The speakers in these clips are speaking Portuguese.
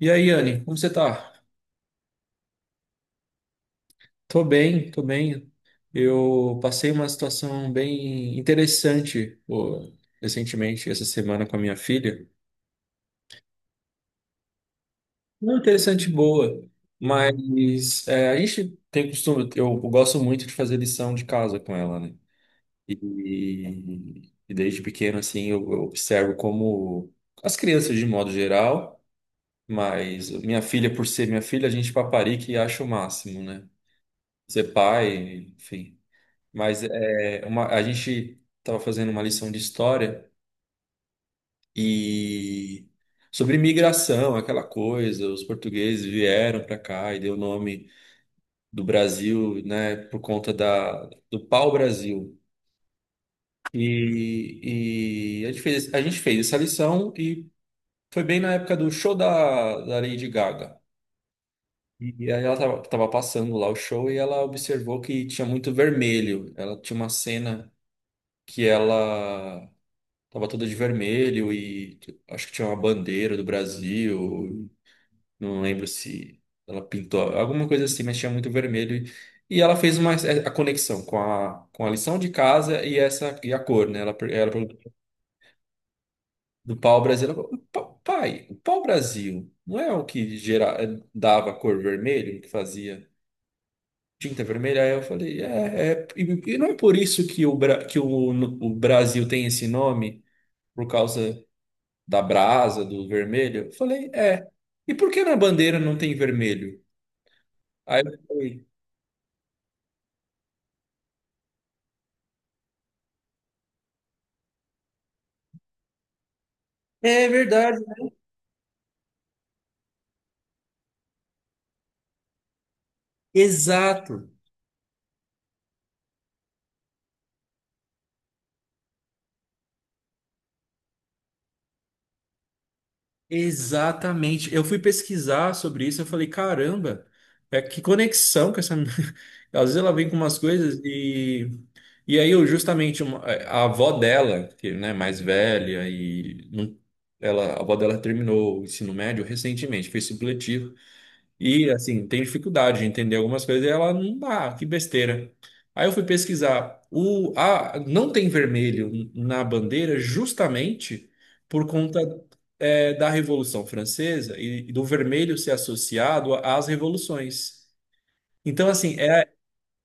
E aí, Anne, como você tá? Tô bem, tô bem. Eu passei uma situação bem interessante, pô, recentemente, essa semana com a minha filha. Não interessante, boa, mas é, a gente tem costume, eu gosto muito de fazer lição de casa com ela, né? E desde pequeno, assim, eu observo como as crianças, de modo geral, mas minha filha, por ser minha filha, a gente paparica e acha o máximo, né? Ser pai, enfim. Mas é, uma, a gente estava fazendo uma lição de história e sobre imigração, aquela coisa, os portugueses vieram para cá e deu o nome do Brasil, né, por conta da, do pau-brasil. E a gente fez essa lição e foi bem na época do show da, da Lady Gaga. E aí ela tava, tava passando lá o show e ela observou que tinha muito vermelho. Ela tinha uma cena que ela tava toda de vermelho e tipo, acho que tinha uma bandeira do Brasil. Não lembro se ela pintou alguma coisa assim, mas tinha muito vermelho. E ela fez uma, é, a conexão com a lição de casa e essa e a cor, né? Ela, ela perguntou do pau-brasil. Ela falou, Pai, o pau-brasil não é o que gera, é, dava a cor vermelho, que fazia tinta vermelha? Aí eu falei, é, é e não é por isso que o, que o Brasil tem esse nome, por causa. Da brasa, do vermelho? Eu falei, é. E por que na bandeira não tem vermelho? Aí eu falei, é verdade. Exato, exatamente. Eu fui pesquisar sobre isso, eu falei, caramba, é que conexão com essa. Às vezes ela vem com umas coisas e. E aí, eu, justamente, é, a avó dela, que né, mais velha, e ela, a avó dela terminou o ensino médio recentemente, fez supletivo. E assim, tem dificuldade de entender algumas coisas e ela não dá, que besteira. Aí eu fui pesquisar. O, a, não tem vermelho na bandeira justamente por conta é, da Revolução Francesa e do vermelho ser associado às revoluções. Então, assim,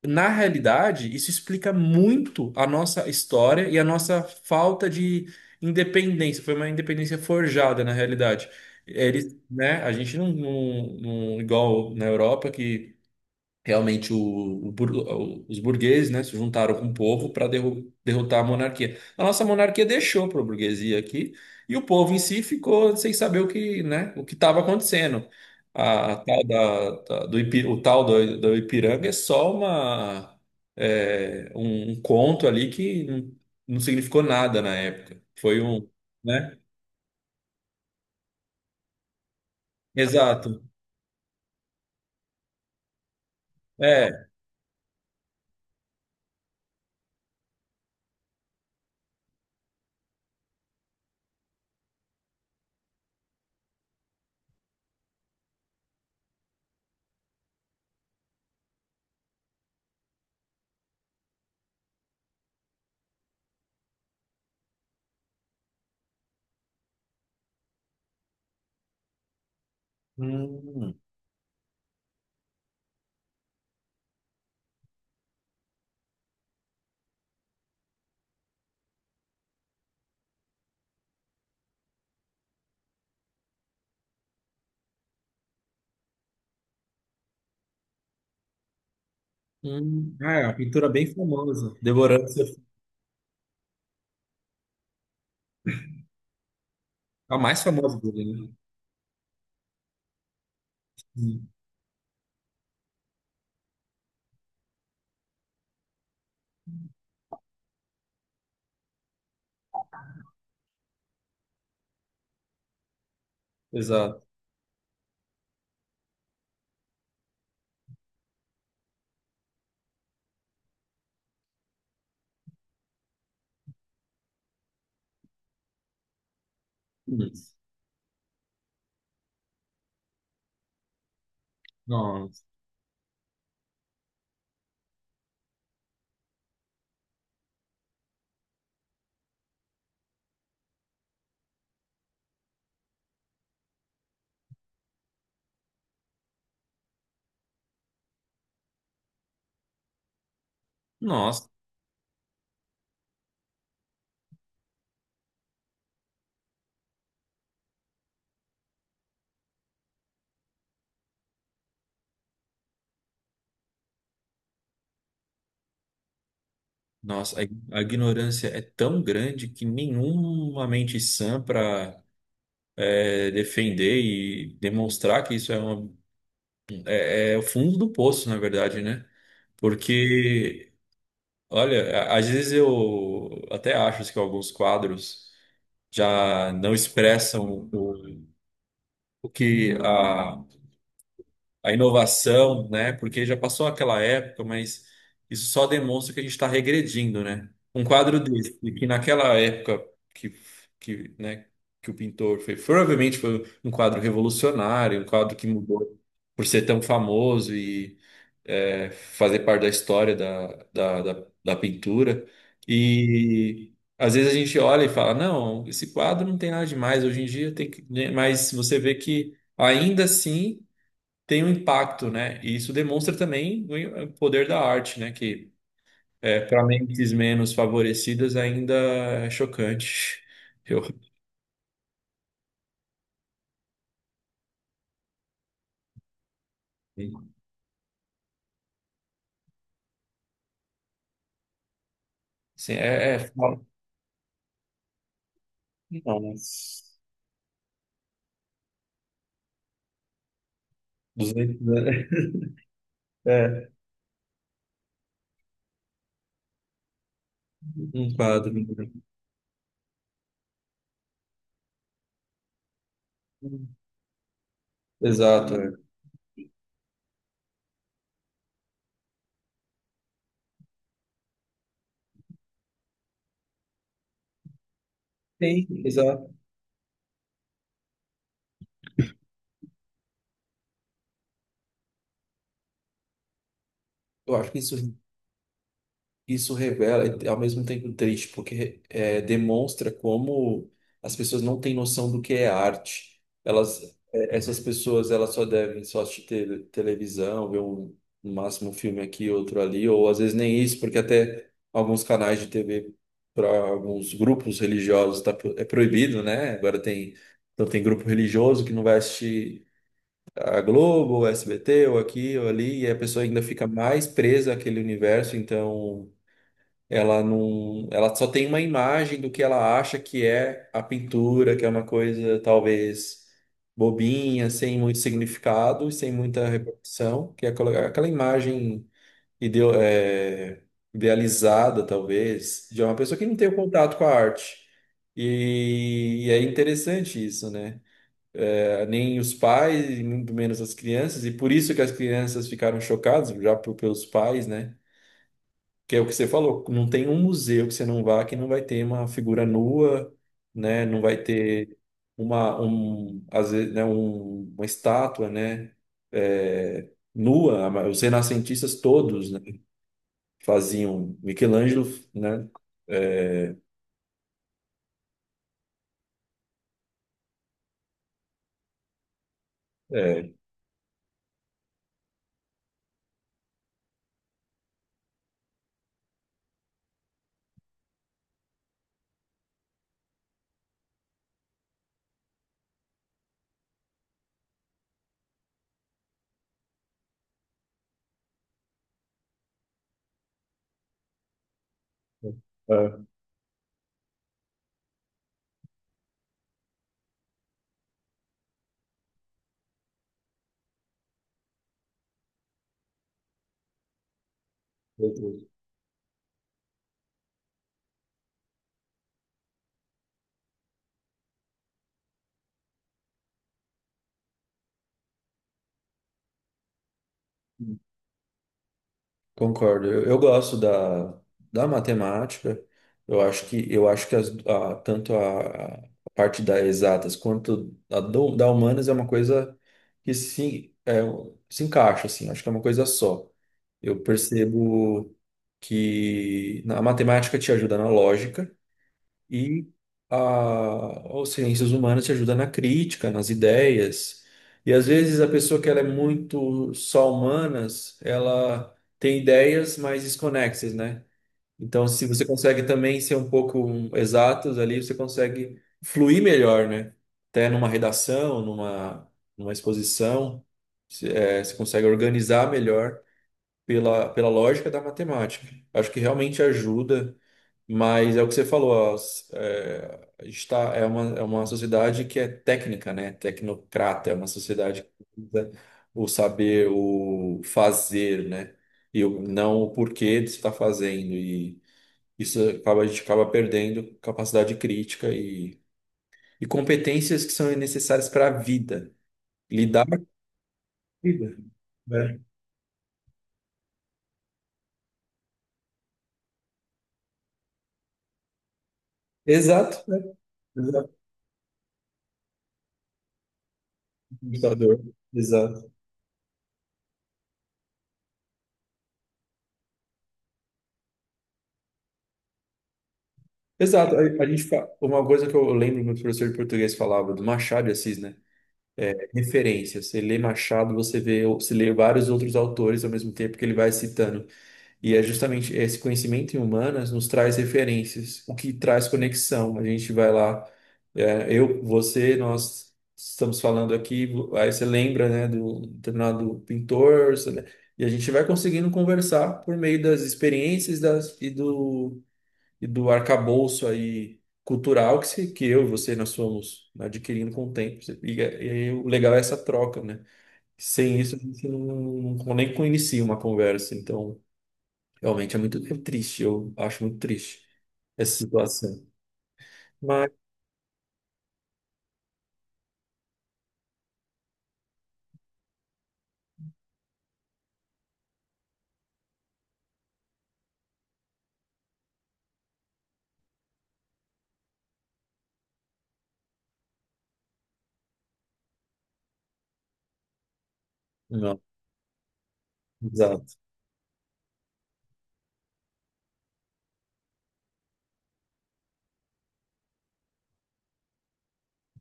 na realidade, isso explica muito a nossa história e a nossa falta de independência. Foi uma independência forjada, na realidade. Eles, né, a gente não, não, igual na Europa, que realmente, o os burgueses, né, se juntaram com o povo para derrotar a monarquia. A nossa monarquia deixou para a burguesia aqui e o povo em si ficou sem saber o que, né, o que estava acontecendo. A tal da, do, o tal do, do Ipiranga é só uma, é, um conto ali que não, não significou nada na época. Foi um, né? Exato. É. Hum. Hum. Ah, é uma pintura bem famosa. Devorando, a mais famosa dele, né? Hum. Exato. Hum. Nossa, nossa, nossa, a ignorância é tão grande que nenhuma mente sã para defender e demonstrar que isso é, uma, é, é o fundo do poço, na verdade, né? Porque, olha, às vezes eu até acho que alguns quadros já não expressam o que a inovação, né? Porque já passou aquela época, mas isso só demonstra que a gente está regredindo, né? Um quadro desse, que naquela época que, que, né, que o pintor fez, provavelmente foi um quadro revolucionário, um quadro que mudou por ser tão famoso e é, fazer parte da história da, da, da, da pintura. E às vezes a gente olha e fala, não, esse quadro não tem nada demais hoje em dia, tem que... né? Mas você vê que ainda assim tem um impacto, né? E isso demonstra também o poder da arte, né? Que é, para mentes menos favorecidas ainda é chocante. Eu, assim, é, é... Nossa, 200, né? É, um quadro. Exato. É. Tem, exato. Eu acho que isso isso revela, e ao mesmo tempo triste, porque é, demonstra como as pessoas não têm noção do que é arte. Elas, é, essas pessoas, elas só devem só assistir televisão, ver um, no máximo um filme aqui, outro ali, ou às vezes nem isso, porque até alguns canais de TV para alguns grupos religiosos tá, é proibido, né? Agora tem, então tem grupo religioso que não vai assistir a Globo, ou SBT, ou aqui, ou ali, e a pessoa ainda fica mais presa àquele universo, então ela não, ela só tem uma imagem do que ela acha que é a pintura, que é uma coisa talvez bobinha, sem muito significado e sem muita repercussão, que é aquela aquela imagem é, idealizada, talvez, de uma pessoa que não tem o contato com a arte. E é interessante isso, né? É, nem os pais, e muito menos as crianças, e por isso que as crianças ficaram chocadas, já pelos pais, né? Que é o que você falou, não tem um museu que você não vá que não vai ter uma figura nua, né? Não vai ter uma, um, às vezes, né, uma estátua, né? É, nua. Os renascentistas todos, né, faziam. Michelangelo, né? É, é, ah, concordo. Eu gosto da, da matemática. Eu acho que as, tanto a parte da exatas quanto a da humanas é uma coisa que se, é, se encaixa assim. Acho que é uma coisa só. Eu percebo que a matemática te ajuda na lógica. E a, as ciências humanas te ajuda na crítica, nas ideias. E às vezes a pessoa que ela é muito só humanas, ela tem ideias mais desconexas, né? Então, se você consegue também ser um pouco exatos ali, você consegue fluir melhor, né? Até numa redação, numa, numa exposição, é, você consegue organizar melhor pela, pela lógica da matemática. Acho que realmente ajuda mas é o que você falou, é, a gente é uma sociedade que é técnica, né? Tecnocrata, é uma sociedade que usa o saber, o fazer, né? E o, não o porquê de se estar fazendo. E isso acaba, a gente acaba perdendo capacidade crítica e competências que são necessárias para a vida. Lidar com a vida. Né? Exato, né? Exato. Computador. Exato. Exato. A gente uma coisa que eu lembro que o professor de português falava do Machado de Assis, né? É referência. Você lê Machado, você vê, você lê vários outros autores ao mesmo tempo que ele vai citando. E é justamente esse conhecimento em humanas nos traz referências, o que traz conexão. A gente vai lá, é, eu, você, nós estamos falando aqui, aí você lembra, né, do determinado pintor, você e a gente vai conseguindo conversar por meio das experiências das, e do arcabouço aí cultural que, que eu e você nós fomos adquirindo com o tempo. E, e o legal é essa troca, né? Sem isso, a gente não, não nem inicia uma conversa. Então, realmente é muito é triste, eu acho muito triste essa situação. Mas, não, exato.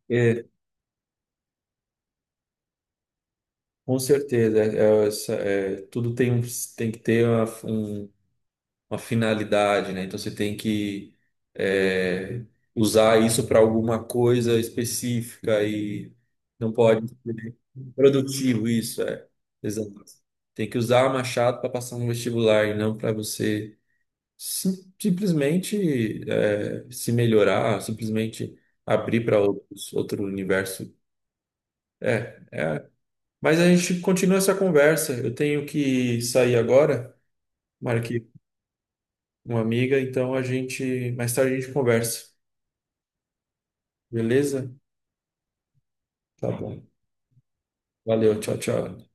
É, com certeza, é, é, é, tudo tem, tem que ter um uma finalidade, né? Então você tem que é, usar isso para alguma coisa específica e não pode ser produtivo isso, é. Exato. Tem que usar Machado para passar no vestibular e não para você simplesmente é, se melhorar, simplesmente abrir para outros outro universo. É. Mas a gente continua essa conversa. Eu tenho que sair agora, marquei com uma amiga, então a gente mais tarde a gente conversa. Beleza? Tá bom. Valeu, tchau, tchau.